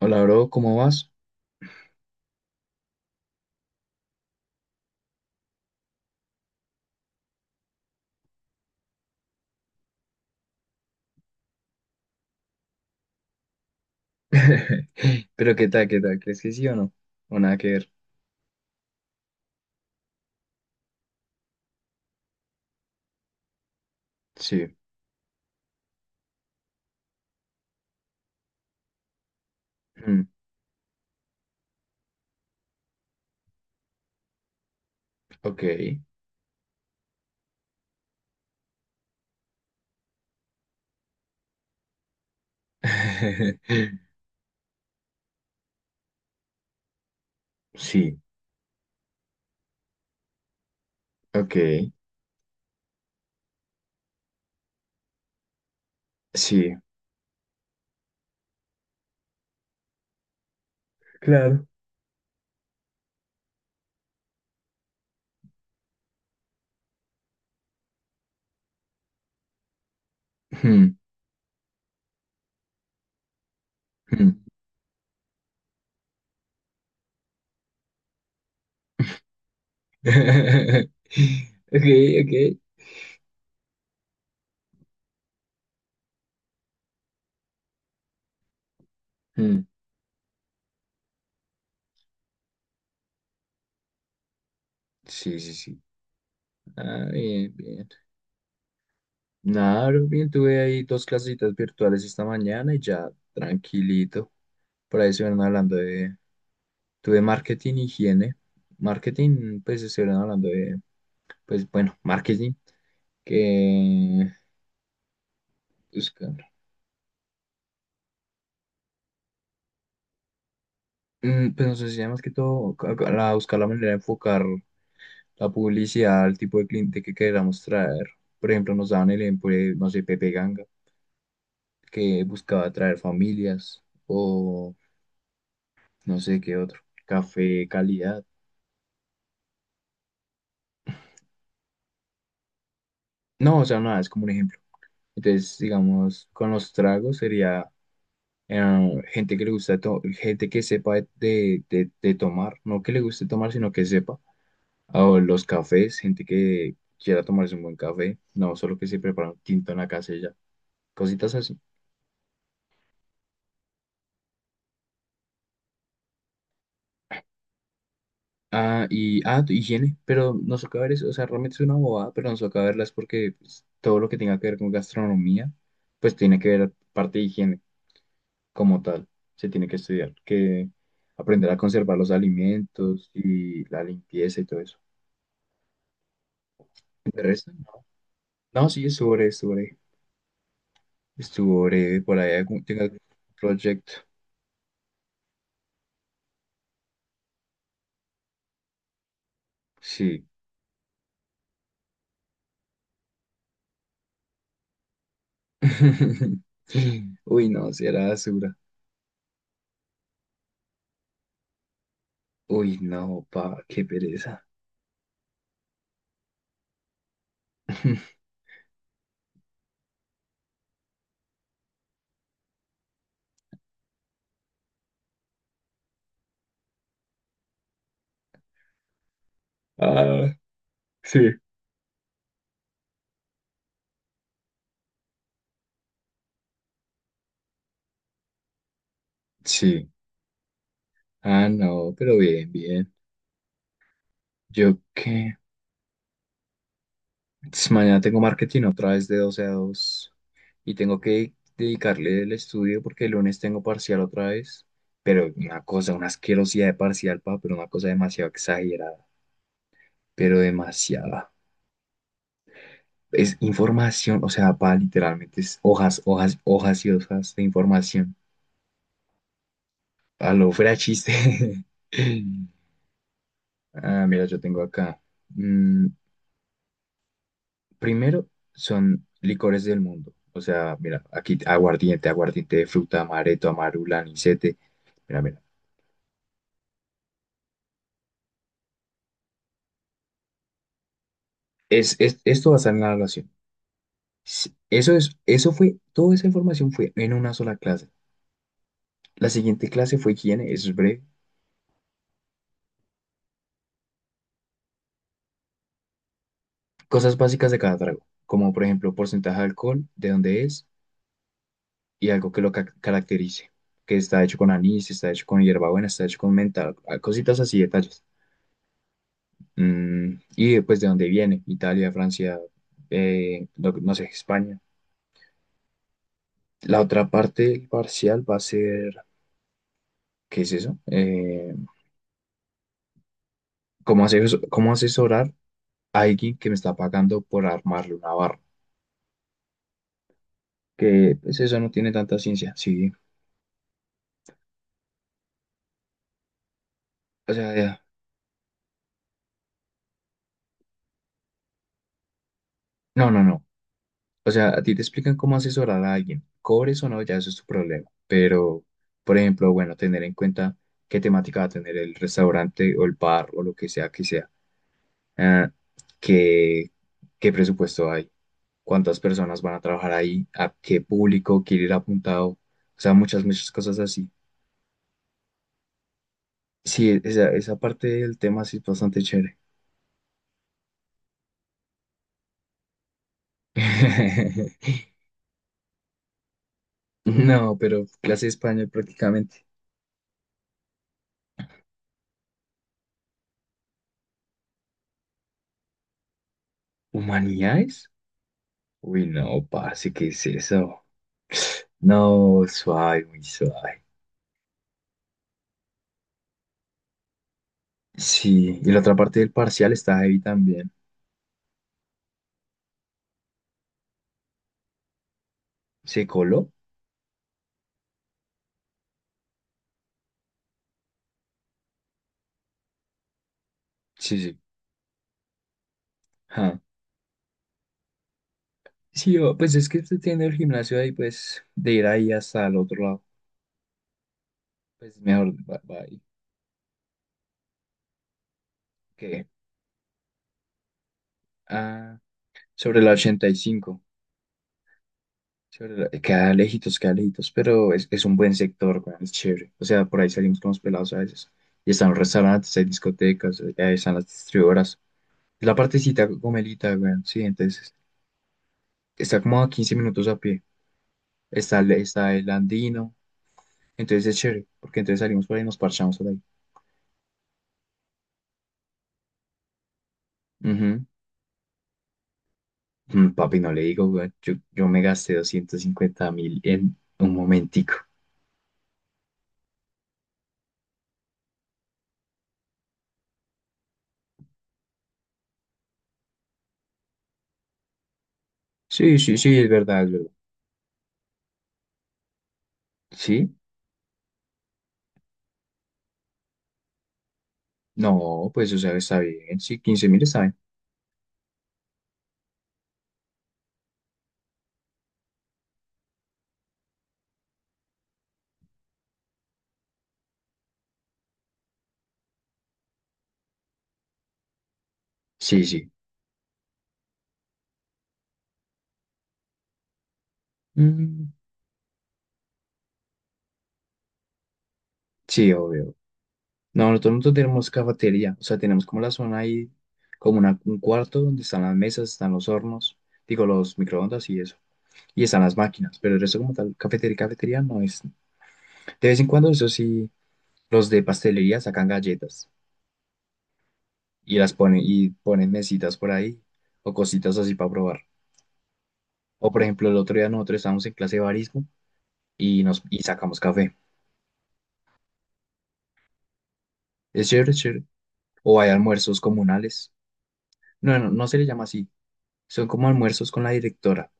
Hola, bro, ¿cómo vas? Pero qué tal, ¿crees que sí o no? O nada que ver. Sí. Mm, ok. Sí, ok. Sí. Claro. Mm, mm. Ok, ok. Mm, sí, sí, sí. Ah, bien, bien. Nada, bro, bien, tuve ahí dos clasitas virtuales esta mañana y ya tranquilito. Por ahí estuvieron hablando de, tuve marketing, higiene. Marketing, pues estuvieron hablando de, pues bueno, marketing, que buscar, pues nos enseña más que todo buscar la manera de enfocar la publicidad al tipo de cliente que queramos traer. Por ejemplo, nos daban el ejemplo de, no sé, Pepe Ganga, que buscaba atraer familias o no sé qué otro, café, calidad. No, o sea, nada, es como un ejemplo. Entonces, digamos, con los tragos sería gente que le gusta, gente que sepa de, de tomar, no que le guste tomar, sino que sepa. O los cafés, gente que quiera tomarse un buen café, no solo que se prepara un tinto en la casa y ya, cositas así. Ah, y, higiene, pero nos toca ver eso, o sea, realmente es una bobada, pero nos toca verlas porque pues, todo lo que tenga que ver con gastronomía, pues tiene que ver parte de higiene. Como tal, se tiene que estudiar, que aprender a conservar los alimentos y la limpieza y todo eso. ¿De resto? No. No, sí, estuvo breve, estuvo breve. Estuvo breve, por ahí algún, tengo algún proyecto. Sí. Uy, no, si era basura. Uy, no, pa, qué pereza. Ah, sí. Sí. Ah, no, pero bien, bien. Yo qué. Entonces, mañana tengo marketing otra vez de 12 a 2 y tengo que dedicarle el estudio porque el lunes tengo parcial otra vez, pero una cosa, una asquerosidad de parcial, pa, pero una cosa demasiado exagerada, pero demasiada. Es información, o sea, pa, literalmente es hojas, hojas, hojas y hojas de información. A lo fuera de chiste. Ah, mira, yo tengo acá. mm, Primero son licores del mundo. O sea, mira, aquí aguardiente, aguardiente de fruta, amaretto, amarula, anisete. Mira, mira. Esto va a estar en la evaluación. Eso fue, toda esa información fue en una sola clase. La siguiente clase fue higiene, eso es breve. Cosas básicas de cada trago, como por ejemplo porcentaje de alcohol, de dónde es y algo que lo caracterice, que está hecho con anís, está hecho con hierbabuena, está hecho con menta, cositas así, detalles. Y después de dónde viene, Italia, Francia, no, no sé, España. La otra parte del parcial va a ser, ¿qué es eso? ¿Cómo asesorar a alguien que me está pagando por armarle una barra? Que pues eso no tiene tanta ciencia, sí. O sea, no, no, no. O sea, a ti te explican cómo asesorar a alguien. Cobres o no, ya eso es tu problema. Pero, por ejemplo, bueno, tener en cuenta qué temática va a tener el restaurante o el bar o lo que sea que sea. Ah, ¿qué, qué presupuesto hay? ¿Cuántas personas van a trabajar ahí? ¿A qué público quiere ir apuntado? O sea, muchas, muchas cosas así. Sí, esa parte del tema sí es bastante chévere. No, pero clase de español prácticamente. ¿Humanidades? Uy, no, parce, ¿qué es eso? No, suave, muy suave. Sí, y la otra parte del parcial está ahí también. ¿Se coló? Sí, sí. Sí, pues es que usted tiene el gimnasio ahí, pues de ir ahí hasta el otro lado, pues mejor va ahí, que ah, sobre la 85, queda lejitos, pero es un buen sector, weón, es chévere. O sea, por ahí salimos con los pelados a veces. Y están los restaurantes, hay discotecas, ahí están las distribuidoras. La partecita gomelita, weón, sí, entonces está como a 15 minutos a pie. Está el andino, entonces es chévere, porque entonces salimos por ahí y nos parchamos por ahí. Mm, Papi, no le digo, weón. Yo me gasté 250 mil en un momentico. Sí, sí, sí, es verdad, es verdad. ¿Sí? No, pues, o sea, está bien. Sí, 15 mil está bien. Sí, sí. Mm, sí, obvio. No, nosotros tenemos cafetería. O sea, tenemos como la zona ahí, como un cuarto donde están las mesas, están los hornos, digo, los microondas y eso. Y están las máquinas. Pero el resto como tal, cafetería, cafetería no es. De vez en cuando, eso sí, los de pastelería sacan galletas, y las ponen y ponen mesitas por ahí o cositas así para probar. O por ejemplo, el otro día nosotros estábamos en clase de barismo y sacamos café. Es chévere, es chévere. O hay almuerzos comunales. No, no, no se le llama así. Son como almuerzos con la directora.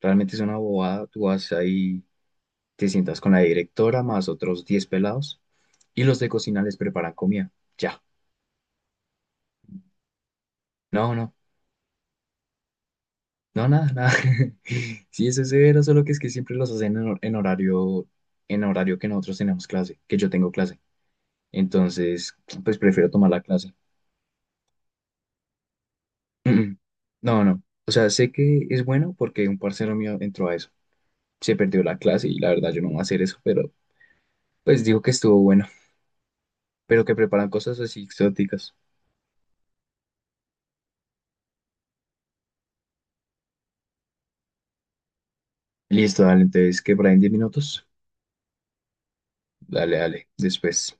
Realmente es una bobada. Tú vas ahí, te sientas con la directora más otros 10 pelados y los de cocina les preparan comida. Ya. No, no. No, nada, nada. Sí, eso es severo, solo que es que siempre los hacen en en horario, en horario que nosotros tenemos clase, que yo tengo clase. Entonces, pues prefiero tomar la clase. Mm, no, no. O sea, sé que es bueno porque un parcero mío entró a eso. Se perdió la clase y la verdad yo no voy a hacer eso, pero pues digo que estuvo bueno. Pero que preparan cosas así exóticas. Listo, dale. Entonces, que por ahí en 10 minutos. Dale, dale. Después.